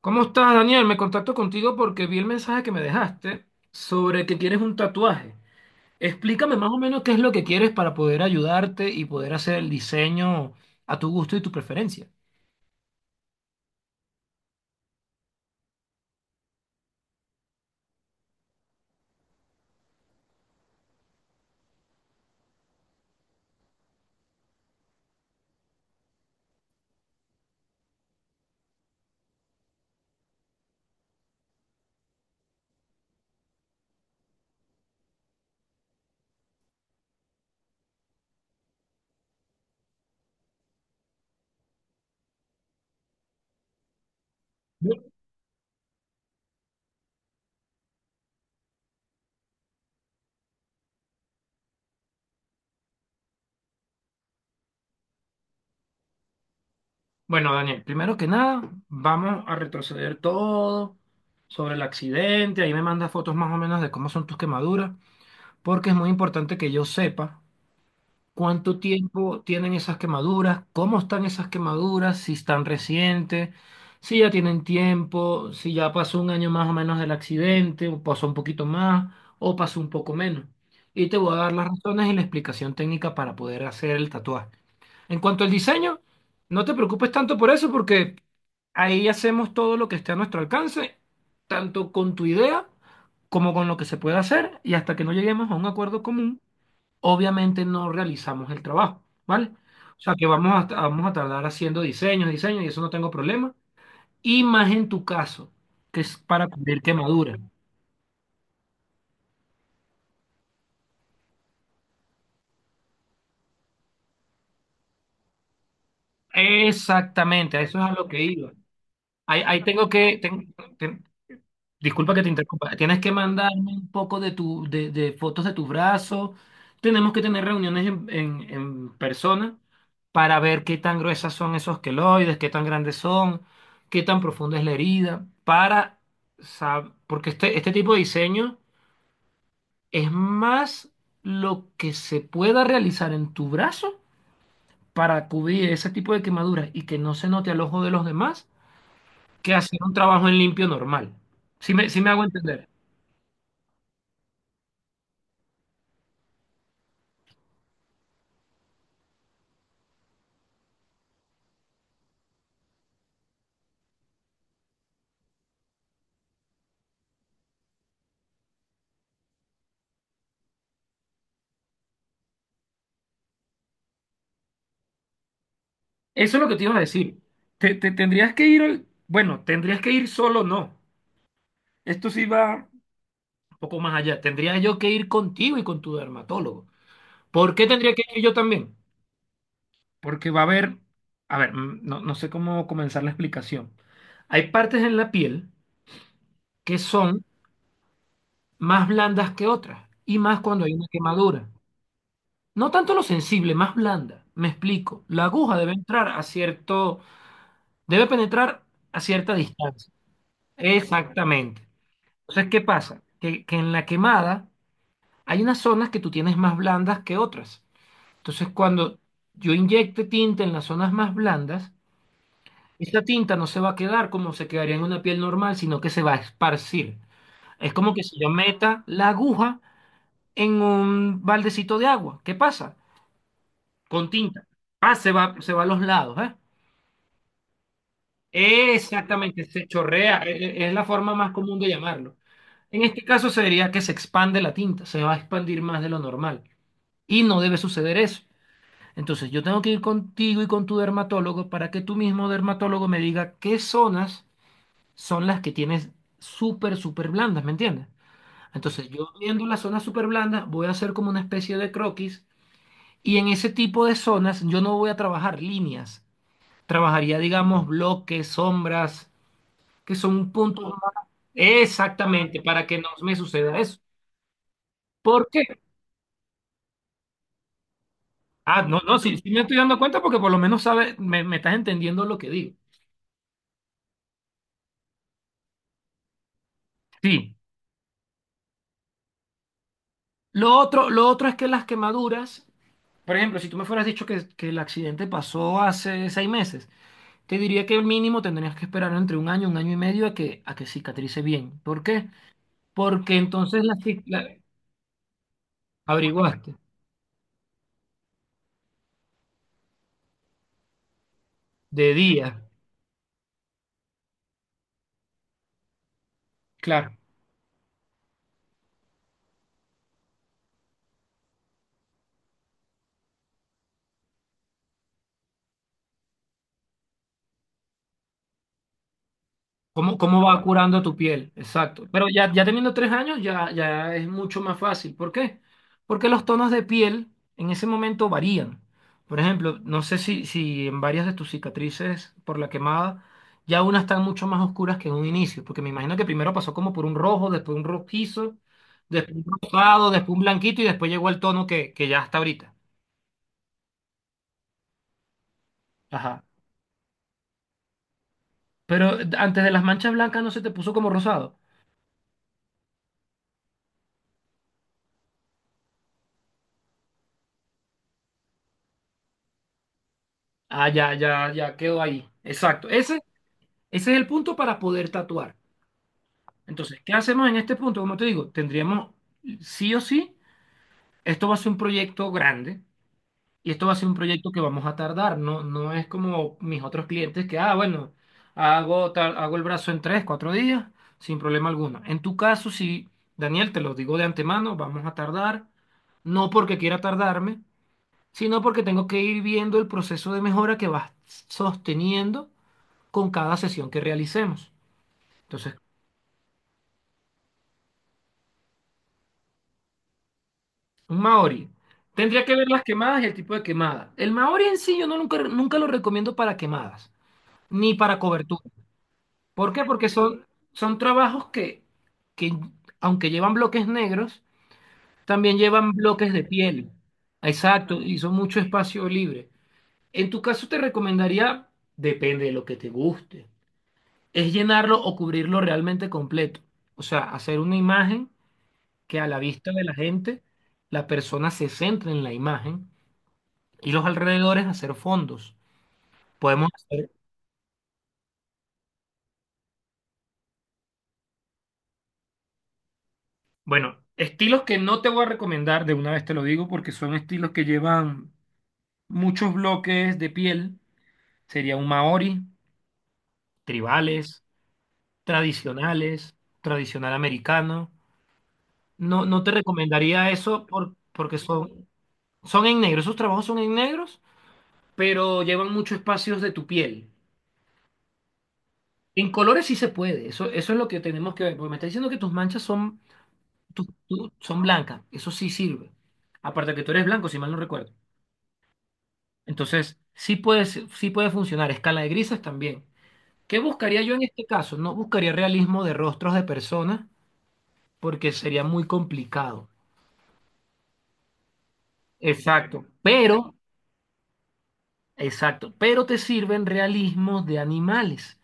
¿Cómo estás, Daniel? Me contacto contigo porque vi el mensaje que me dejaste sobre que quieres un tatuaje. Explícame más o menos qué es lo que quieres para poder ayudarte y poder hacer el diseño a tu gusto y tu preferencia. Bueno, Daniel, primero que nada, vamos a retroceder todo sobre el accidente. Ahí me mandas fotos más o menos de cómo son tus quemaduras, porque es muy importante que yo sepa ¿cuánto tiempo tienen esas quemaduras? ¿Cómo están esas quemaduras? Si están recientes, si ya tienen tiempo, si ya pasó un año más o menos del accidente, o pasó un poquito más, o pasó un poco menos. Y te voy a dar las razones y la explicación técnica para poder hacer el tatuaje. En cuanto al diseño, no te preocupes tanto por eso, porque ahí hacemos todo lo que esté a nuestro alcance, tanto con tu idea como con lo que se puede hacer, y hasta que no lleguemos a un acuerdo común obviamente no realizamos el trabajo, ¿vale? O sea que vamos a tardar haciendo diseños, diseños, y eso no tengo problema. Y más en tu caso, que es para cubrir quemaduras. Exactamente, a eso es a lo que iba. Ahí, ahí tengo que, ten- ten- disculpa que te interrumpa. Tienes que mandarme un poco de fotos de tu brazo. Tenemos que tener reuniones en persona para ver qué tan gruesas son esos queloides, qué tan grandes son, qué tan profunda es la herida, para porque este tipo de diseño es más lo que se pueda realizar en tu brazo para cubrir ese tipo de quemaduras y que no se note al ojo de los demás que hacer un trabajo en limpio normal. Si me, sí me hago entender. Eso es lo que te iba a decir. Te tendrías que ir, bueno, tendrías que ir solo, no. Esto sí va un poco más allá. Tendría yo que ir contigo y con tu dermatólogo. ¿Por qué tendría que ir yo también? Porque va a haber, a ver, no, no sé cómo comenzar la explicación. Hay partes en la piel que son más blandas que otras, y más cuando hay una quemadura. No tanto lo sensible, más blanda. Me explico. La aguja debe entrar a cierto, debe penetrar a cierta distancia. Exactamente. Entonces, ¿qué pasa? Que en la quemada hay unas zonas que tú tienes más blandas que otras. Entonces, cuando yo inyecte tinta en las zonas más blandas, esa tinta no se va a quedar como se quedaría en una piel normal, sino que se va a esparcir. Es como que si yo meta la aguja en un baldecito de agua. ¿Qué pasa? Con tinta. Ah, se va a los lados, ¿eh? Exactamente, se chorrea. Es la forma más común de llamarlo. En este caso se diría que se expande la tinta, se va a expandir más de lo normal. Y no debe suceder eso. Entonces, yo tengo que ir contigo y con tu dermatólogo para que tu mismo dermatólogo me diga qué zonas son las que tienes súper, súper blandas, ¿me entiendes? Entonces, yo viendo las zonas súper blandas, voy a hacer como una especie de croquis y en ese tipo de zonas yo no voy a trabajar líneas. Trabajaría, digamos, bloques, sombras, que son puntos más- Exactamente, para que no me suceda eso. ¿Por qué? Ah, no, no, sí, sí me estoy dando cuenta porque por lo menos sabes, me estás entendiendo lo que digo. Sí. Lo otro es que las quemaduras, por ejemplo, si tú me fueras dicho que el accidente pasó hace 6 meses, te diría que el mínimo tendrías que esperar entre un año y medio a que cicatrice bien. ¿Por qué? Porque entonces averiguaste de día. Claro. Cómo, cómo va curando tu piel. Exacto. Pero ya, ya teniendo 3 años ya, ya es mucho más fácil. ¿Por qué? Porque los tonos de piel en ese momento varían. Por ejemplo, no sé si en varias de tus cicatrices por la quemada ya unas están mucho más oscuras que en un inicio, porque me imagino que primero pasó como por un rojo, después un rojizo, después un rosado, después un blanquito y después llegó al tono que ya está ahorita. Ajá. Pero antes de las manchas blancas no se te puso como rosado. Ah, ya, ya, ya quedó ahí. Exacto. Ese es el punto para poder tatuar. Entonces, ¿qué hacemos en este punto? Como te digo, tendríamos, sí o sí, esto va a ser un proyecto grande y esto va a ser un proyecto que vamos a tardar. No, no es como mis otros clientes que, ah, bueno, hago, hago el brazo en 3, 4 días, sin problema alguno. En tu caso, sí, Daniel, te lo digo de antemano, vamos a tardar, no porque quiera tardarme, sino porque tengo que ir viendo el proceso de mejora que vas sosteniendo con cada sesión que realicemos. Entonces, un Maori. Tendría que ver las quemadas y el tipo de quemada. El Maori en sí yo no nunca, nunca lo recomiendo para quemadas, ni para cobertura. ¿Por qué? Porque son, son trabajos que, aunque llevan bloques negros, también llevan bloques de piel. Exacto, y son mucho espacio libre. En tu caso te recomendaría, depende de lo que te guste, es llenarlo o cubrirlo realmente completo. O sea, hacer una imagen que a la vista de la gente, la persona se centre en la imagen y los alrededores hacer fondos. Podemos hacer, bueno, estilos que no te voy a recomendar, de una vez te lo digo, porque son estilos que llevan muchos bloques de piel. Sería un maori, tribales, tradicionales, tradicional americano. No, no te recomendaría eso porque son, son en negro, esos trabajos son en negros, pero llevan muchos espacios de tu piel. En colores sí se puede, eso es lo que tenemos que ver, porque me está diciendo que tus manchas son son blancas, eso sí sirve. Aparte que tú eres blanco, si mal no recuerdo. Entonces, sí puede, sí puede funcionar. Escala de grises también. ¿Qué buscaría yo en este caso? No buscaría realismo de rostros de personas porque sería muy complicado. Exacto. Pero, exacto, pero te sirven realismos de animales.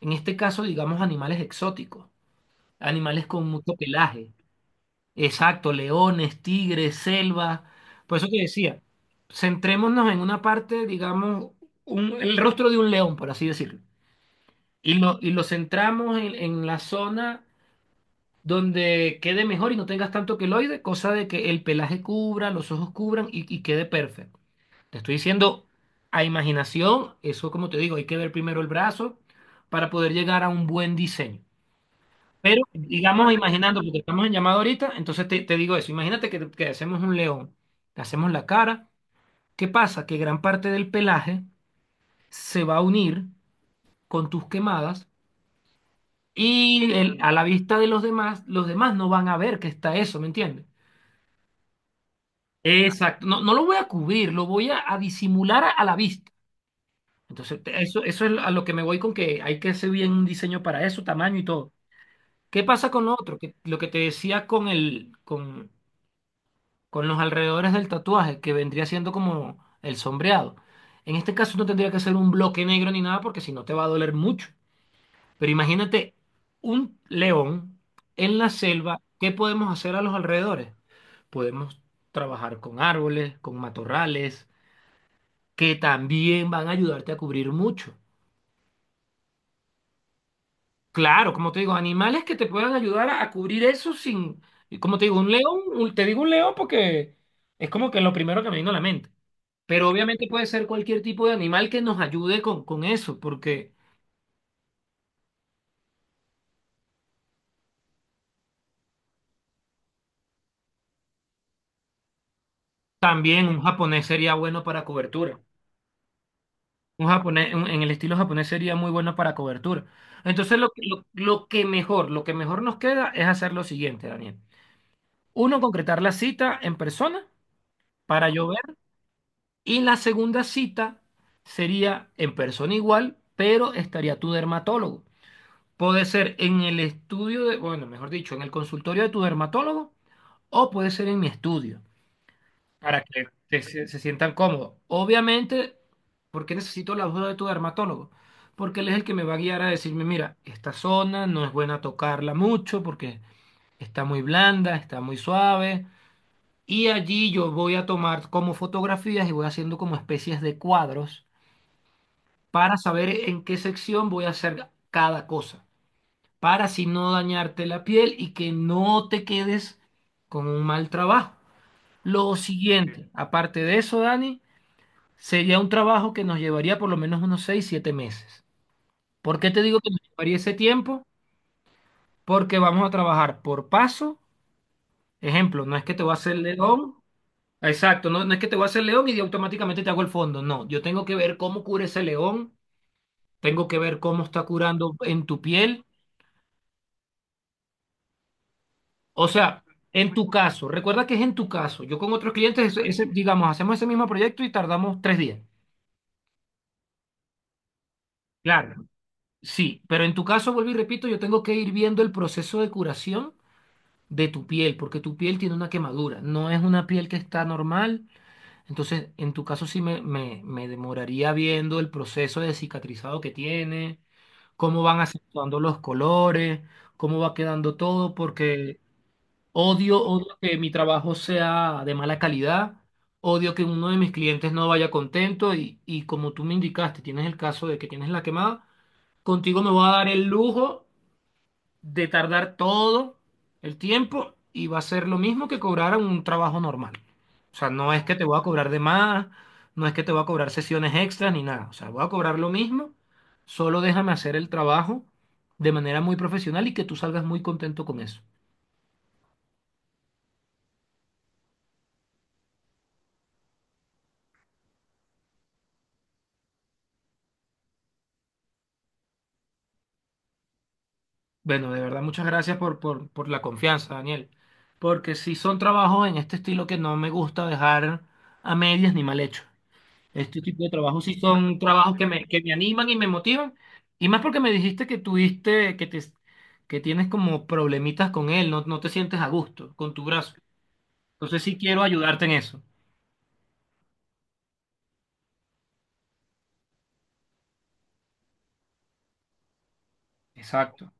En este caso, digamos animales exóticos, animales con mucho pelaje. Exacto, leones, tigres, selva. Por eso te decía, centrémonos en una parte, digamos, el rostro de un león, por así decirlo. Y lo centramos en la zona donde quede mejor y no tengas tanto queloide, cosa de que el pelaje cubra, los ojos cubran y quede perfecto. Te estoy diciendo a imaginación, eso como te digo, hay que ver primero el brazo para poder llegar a un buen diseño. Pero digamos, imaginando, porque estamos en llamada ahorita, entonces te digo eso, imagínate que hacemos un león, le hacemos la cara, ¿qué pasa? Que gran parte del pelaje se va a unir con tus quemadas y a la vista de los demás no van a ver que está eso, ¿me entiendes? Exacto, no, no lo voy a cubrir, lo voy a disimular a la vista. Entonces, eso, eso es a lo que me voy con que hay que hacer bien un diseño para eso, tamaño y todo. ¿Qué pasa con lo otro? Que, lo que te decía con con los alrededores del tatuaje, que vendría siendo como el sombreado. En este caso no tendría que ser un bloque negro ni nada porque si no te va a doler mucho. Pero imagínate un león en la selva, ¿qué podemos hacer a los alrededores? Podemos trabajar con árboles, con matorrales, que también van a ayudarte a cubrir mucho. Claro, como te digo, animales que te puedan ayudar a cubrir eso sin, y como te digo, un león, te digo un león porque es como que lo primero que me vino a la mente. Pero obviamente puede ser cualquier tipo de animal que nos ayude con eso, porque también un japonés sería bueno para cobertura. Un japonés, en el estilo japonés sería muy bueno para cobertura. Entonces lo que mejor nos queda es hacer lo siguiente, Daniel. Uno, concretar la cita en persona para llover Y la segunda cita sería en persona igual, pero estaría tu dermatólogo. Puede ser en el estudio de, bueno, mejor dicho, en el consultorio de tu dermatólogo o puede ser en mi estudio, para que se, se sientan cómodos. Obviamente, ¿por qué necesito la ayuda de tu dermatólogo? Porque él es el que me va a guiar a decirme, mira, esta zona no es buena tocarla mucho porque está muy blanda, está muy suave. Y allí yo voy a tomar como fotografías y voy haciendo como especies de cuadros para saber en qué sección voy a hacer cada cosa, para así no dañarte la piel y que no te quedes con un mal trabajo. Lo, ok, siguiente, aparte de eso, Dani, sería un trabajo que nos llevaría por lo menos unos 6, 7 meses. ¿Por qué te digo que nos llevaría ese tiempo? Porque vamos a trabajar por paso. Ejemplo, no es que te voy a hacer león. Exacto, no, no es que te voy a hacer león y automáticamente te hago el fondo. No, yo tengo que ver cómo cura ese león, tengo que ver cómo está curando en tu piel. O sea, en tu caso, recuerda que es en tu caso. Yo con otros clientes, ese, digamos, hacemos ese mismo proyecto y tardamos 3 días. Claro, sí, pero en tu caso, vuelvo y repito, yo tengo que ir viendo el proceso de curación de tu piel, porque tu piel tiene una quemadura, no es una piel que está normal. Entonces, en tu caso sí me demoraría viendo el proceso de cicatrizado que tiene, cómo van acentuando los colores, cómo va quedando todo, porque odio, odio que mi trabajo sea de mala calidad, odio que uno de mis clientes no vaya contento y como tú me indicaste, tienes el caso de que tienes la quemada, contigo me voy a dar el lujo de tardar todo el tiempo y va a ser lo mismo que cobrar un trabajo normal. O sea, no es que te voy a cobrar de más, no es que te voy a cobrar sesiones extras ni nada, o sea, voy a cobrar lo mismo, solo déjame hacer el trabajo de manera muy profesional y que tú salgas muy contento con eso. Bueno, de verdad, muchas gracias por la confianza, Daniel. Porque si son trabajos en este estilo que no me gusta dejar a medias ni mal hecho. Este tipo de trabajos sí son trabajos que me animan y me motivan. Y más porque me dijiste que tuviste, que te, que tienes como problemitas con él, no, no te sientes a gusto con tu brazo. Entonces sí quiero ayudarte en eso. Exacto.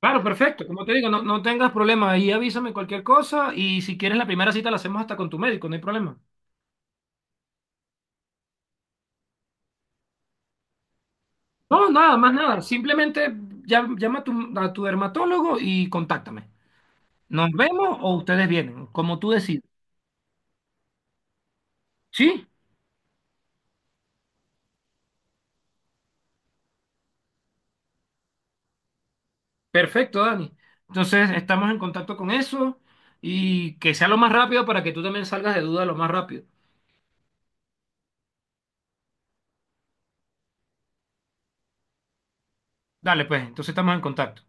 Claro, perfecto. Como te digo, no, no tengas problema. Ahí avísame cualquier cosa y si quieres la primera cita la hacemos hasta con tu médico, no hay problema. No, nada, más nada. Simplemente llama a tu dermatólogo y contáctame. ¿Nos vemos o ustedes vienen? Como tú decides. Sí, perfecto, Dani. Entonces estamos en contacto con eso y que sea lo más rápido para que tú también salgas de duda lo más rápido. Dale, pues, entonces estamos en contacto.